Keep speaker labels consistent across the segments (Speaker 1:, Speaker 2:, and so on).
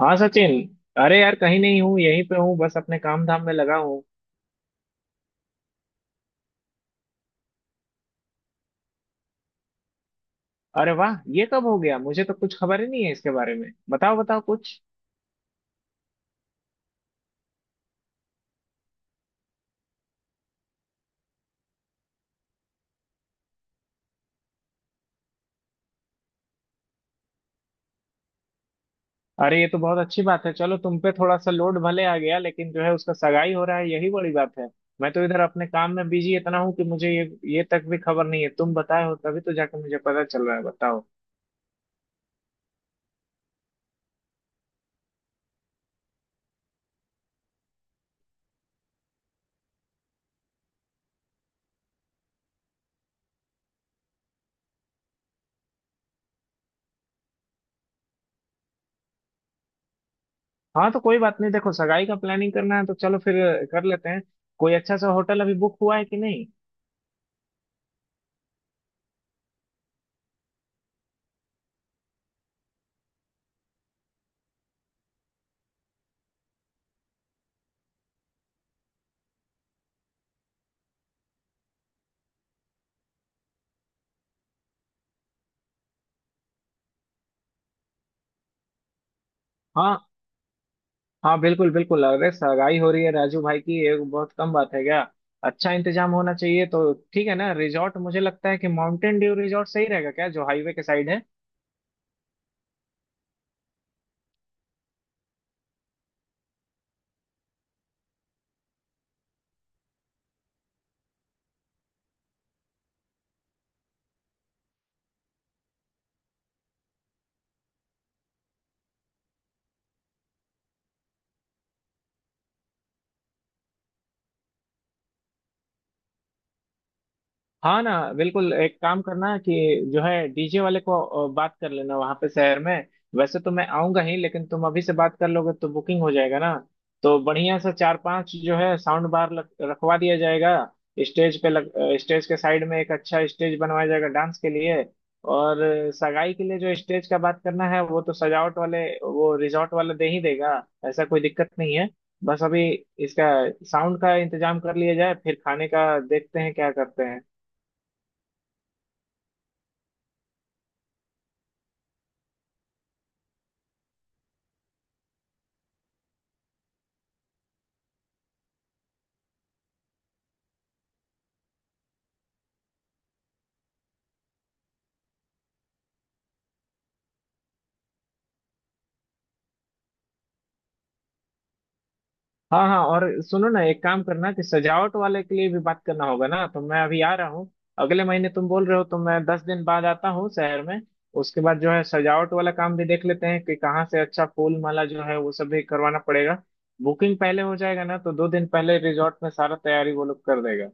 Speaker 1: हाँ सचिन। अरे यार कहीं नहीं हूँ, यहीं पे हूँ, बस अपने काम धाम में लगा हूँ। अरे वाह ये कब हो गया? मुझे तो कुछ खबर ही नहीं है इसके बारे में। बताओ बताओ कुछ। अरे ये तो बहुत अच्छी बात है। चलो तुम पे थोड़ा सा लोड भले आ गया लेकिन जो है उसका सगाई हो रहा है, यही बड़ी बात है। मैं तो इधर अपने काम में बिजी इतना हूँ कि मुझे ये तक भी खबर नहीं है। तुम बताए हो तभी तो जाके मुझे पता चल रहा है। बताओ। हाँ तो कोई बात नहीं। देखो सगाई का प्लानिंग करना है तो चलो फिर कर लेते हैं। कोई अच्छा सा होटल अभी बुक हुआ है कि नहीं? हाँ हाँ बिल्कुल बिल्कुल। अरे सगाई हो रही है राजू भाई की, ये बहुत कम बात है क्या? अच्छा इंतजाम होना चाहिए तो ठीक है ना। रिजॉर्ट मुझे लगता है कि माउंटेन ड्यू रिजॉर्ट सही रहेगा क्या, जो हाईवे के साइड है। हाँ ना बिल्कुल। एक काम करना कि जो है डीजे वाले को बात कर लेना वहां पे शहर में। वैसे तो मैं आऊंगा ही लेकिन तुम अभी से बात कर लोगे तो बुकिंग हो जाएगा ना। तो बढ़िया सा चार पांच जो है साउंड बार रखवा दिया जाएगा स्टेज पे। लग स्टेज के साइड में एक अच्छा स्टेज बनवाया जाएगा डांस के लिए। और सगाई के लिए जो स्टेज का बात करना है, वो तो सजावट वाले, वो रिजॉर्ट वाला दे ही देगा। ऐसा कोई दिक्कत नहीं है। बस अभी इसका साउंड का इंतजाम कर लिया जाए, फिर खाने का देखते हैं क्या करते हैं। हाँ हाँ। और सुनो ना, एक काम करना कि सजावट वाले के लिए भी बात करना होगा ना। तो मैं अभी आ रहा हूँ। अगले महीने तुम बोल रहे हो तो मैं 10 दिन बाद आता हूँ शहर में। उसके बाद जो है सजावट वाला काम भी देख लेते हैं कि कहाँ से अच्छा फूल माला जो है वो सब भी करवाना पड़ेगा। बुकिंग पहले हो जाएगा ना तो 2 दिन पहले रिजॉर्ट में सारा तैयारी वो लोग कर देगा।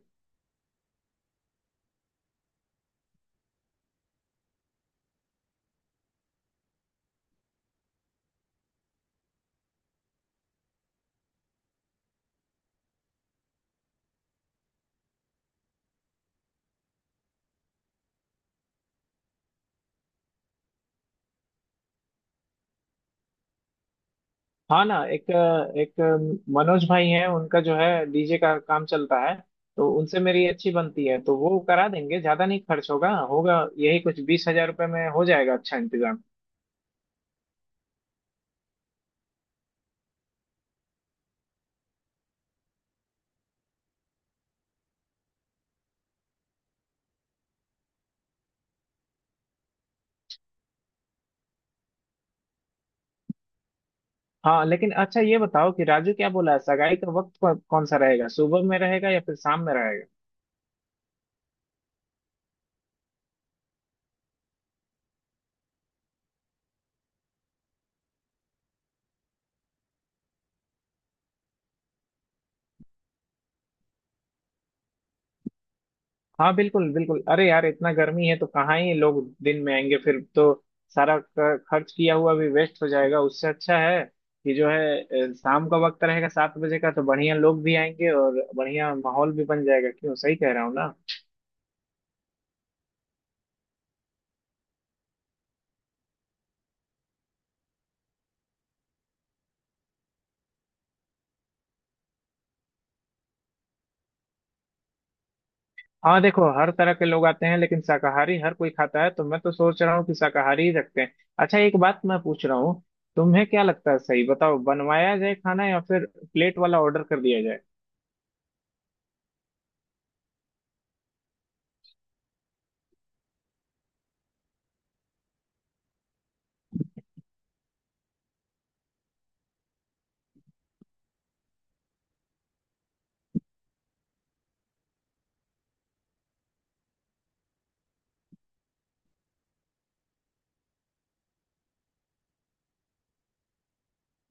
Speaker 1: हाँ ना। एक एक मनोज भाई हैं, उनका जो है डीजे का काम चलता है। तो उनसे मेरी अच्छी बनती है तो वो करा देंगे। ज्यादा नहीं खर्च होगा होगा, यही कुछ 20,000 रुपये में हो जाएगा अच्छा इंतजाम। हाँ लेकिन अच्छा ये बताओ कि राजू क्या बोला है, सगाई का वक्त कौन सा रहेगा? सुबह में रहेगा या फिर शाम में रहेगा? हाँ बिल्कुल बिल्कुल। अरे यार इतना गर्मी है तो कहाँ ही लोग दिन में आएंगे फिर तो। सारा खर्च किया हुआ भी वेस्ट हो जाएगा। उससे अच्छा है कि जो है शाम का वक्त रहेगा 7 बजे का, तो बढ़िया लोग भी आएंगे और बढ़िया माहौल भी बन जाएगा। क्यों, सही कह रहा हूँ ना? हाँ देखो हर तरह के लोग आते हैं, लेकिन शाकाहारी हर कोई खाता है, तो मैं तो सोच रहा हूँ कि शाकाहारी ही रखते हैं। अच्छा एक बात मैं पूछ रहा हूँ, तुम्हें क्या लगता है? सही बताओ, बनवाया जाए खाना या फिर प्लेट वाला ऑर्डर कर दिया जाए?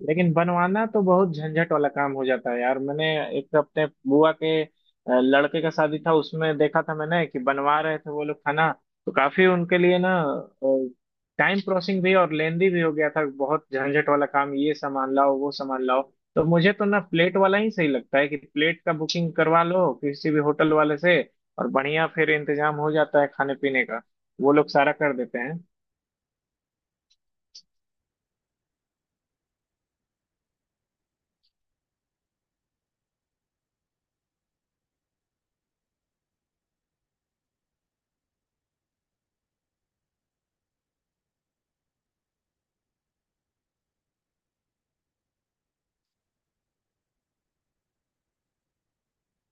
Speaker 1: लेकिन बनवाना तो बहुत झंझट वाला काम हो जाता है यार। मैंने एक तो अपने बुआ के लड़के का शादी था, उसमें देखा था मैंने कि बनवा रहे थे वो लोग खाना। तो काफी उनके लिए ना टाइम प्रोसिंग भी और लेंदी भी हो गया था। बहुत झंझट वाला काम, ये सामान लाओ वो सामान लाओ। तो मुझे तो ना प्लेट वाला ही सही लगता है कि प्लेट का बुकिंग करवा लो किसी भी होटल वाले से। और बढ़िया फिर इंतजाम हो जाता है खाने पीने का, वो लोग सारा कर देते हैं।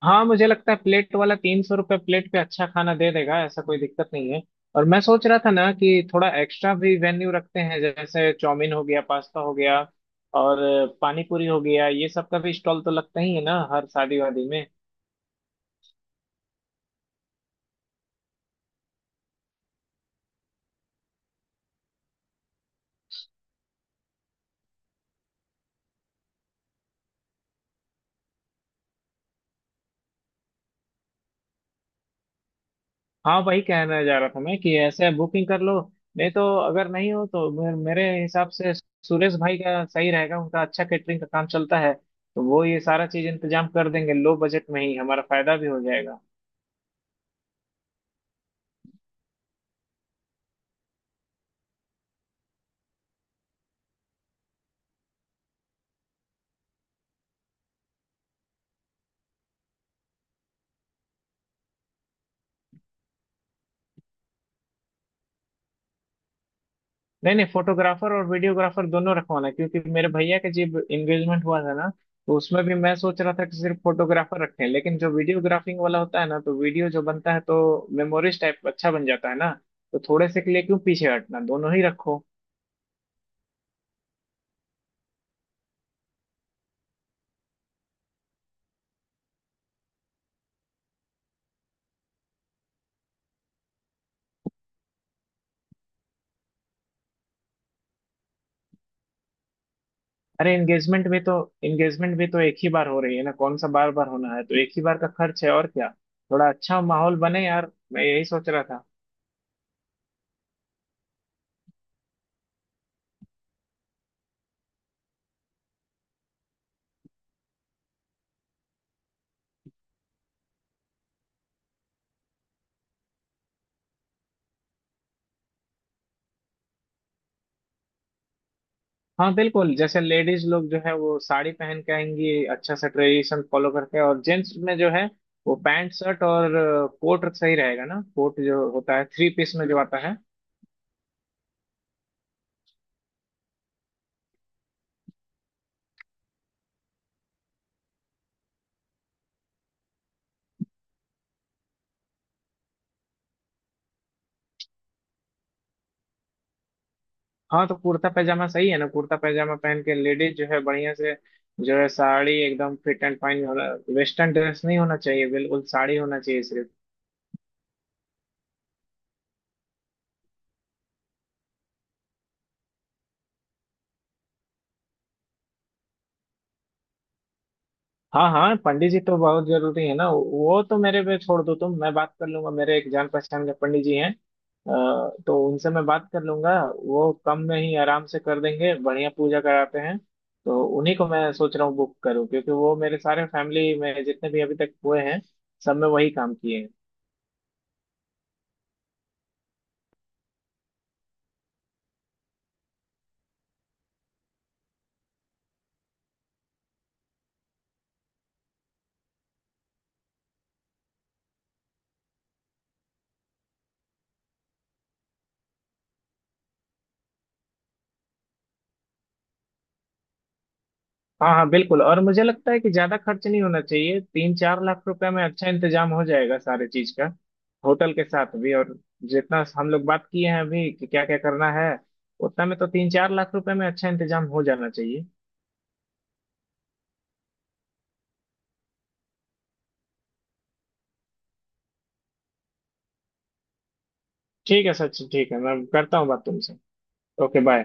Speaker 1: हाँ मुझे लगता है प्लेट वाला 300 रुपये प्लेट पे अच्छा खाना दे देगा, ऐसा कोई दिक्कत नहीं है। और मैं सोच रहा था ना कि थोड़ा एक्स्ट्रा भी वेन्यू रखते हैं, जैसे चाउमीन हो गया, पास्ता हो गया और पानी पूरी हो गया। ये सब का भी स्टॉल तो लगता ही है ना हर शादी वादी में। हाँ वही कहना जा रहा था मैं कि ऐसे बुकिंग कर लो। नहीं तो अगर नहीं हो तो मेरे हिसाब से सुरेश भाई का सही रहेगा, उनका अच्छा कैटरिंग का काम चलता है। तो वो ये सारा चीज इंतजाम कर देंगे लो बजट में ही, हमारा फायदा भी हो जाएगा। नहीं नहीं, फोटोग्राफर और वीडियोग्राफर दोनों रखवाना है, क्योंकि मेरे भैया का जब एंगेजमेंट हुआ था ना, तो उसमें भी मैं सोच रहा था कि सिर्फ फोटोग्राफर रखें, लेकिन जो वीडियोग्राफिंग वाला होता है ना तो वीडियो जो बनता है तो मेमोरीज टाइप अच्छा बन जाता है ना। तो थोड़े से के लिए क्यों पीछे हटना, दोनों ही रखो। अरे एंगेजमेंट भी तो एक ही बार हो रही है ना, कौन सा बार बार होना है। तो एक ही बार का खर्च है और क्या, थोड़ा अच्छा माहौल बने, यार मैं यही सोच रहा था। हाँ बिल्कुल, जैसे लेडीज लोग जो है वो साड़ी पहन के आएंगी अच्छा सा ट्रेडिशन फॉलो करके। और जेंट्स में जो है वो पैंट शर्ट और कोट सही रहेगा ना, कोट जो होता है थ्री पीस में जो आता है। हाँ तो कुर्ता पैजामा सही है ना, कुर्ता पैजामा पहन के। लेडीज जो है बढ़िया से, जो है साड़ी एकदम फिट एंड फाइन होना। वेस्टर्न ड्रेस नहीं होना चाहिए, बिल्कुल साड़ी होना चाहिए सिर्फ। हाँ हाँ, पंडित जी तो बहुत जरूरी है ना। वो तो मेरे पे छोड़ दो, तुम, मैं बात कर लूंगा। मेरे एक जान पहचान के पंडित जी हैं, तो उनसे मैं बात कर लूंगा। वो कम में ही आराम से कर देंगे, बढ़िया पूजा कराते हैं। तो उन्हीं को मैं सोच रहा हूँ बुक करूँ, क्योंकि वो मेरे सारे फैमिली में जितने भी अभी तक हुए हैं, सब में वही काम किए हैं। हाँ हाँ बिल्कुल। और मुझे लगता है कि ज्यादा खर्च नहीं होना चाहिए, 3-4 लाख रुपए में अच्छा इंतजाम हो जाएगा सारे चीज का, होटल के साथ भी। और जितना हम लोग बात किए हैं अभी कि क्या क्या करना है, उतना में तो 3-4 लाख रुपए में अच्छा इंतजाम हो जाना चाहिए। ठीक है सचिन, ठीक है। मैं करता हूँ बात तुमसे। Okay bye.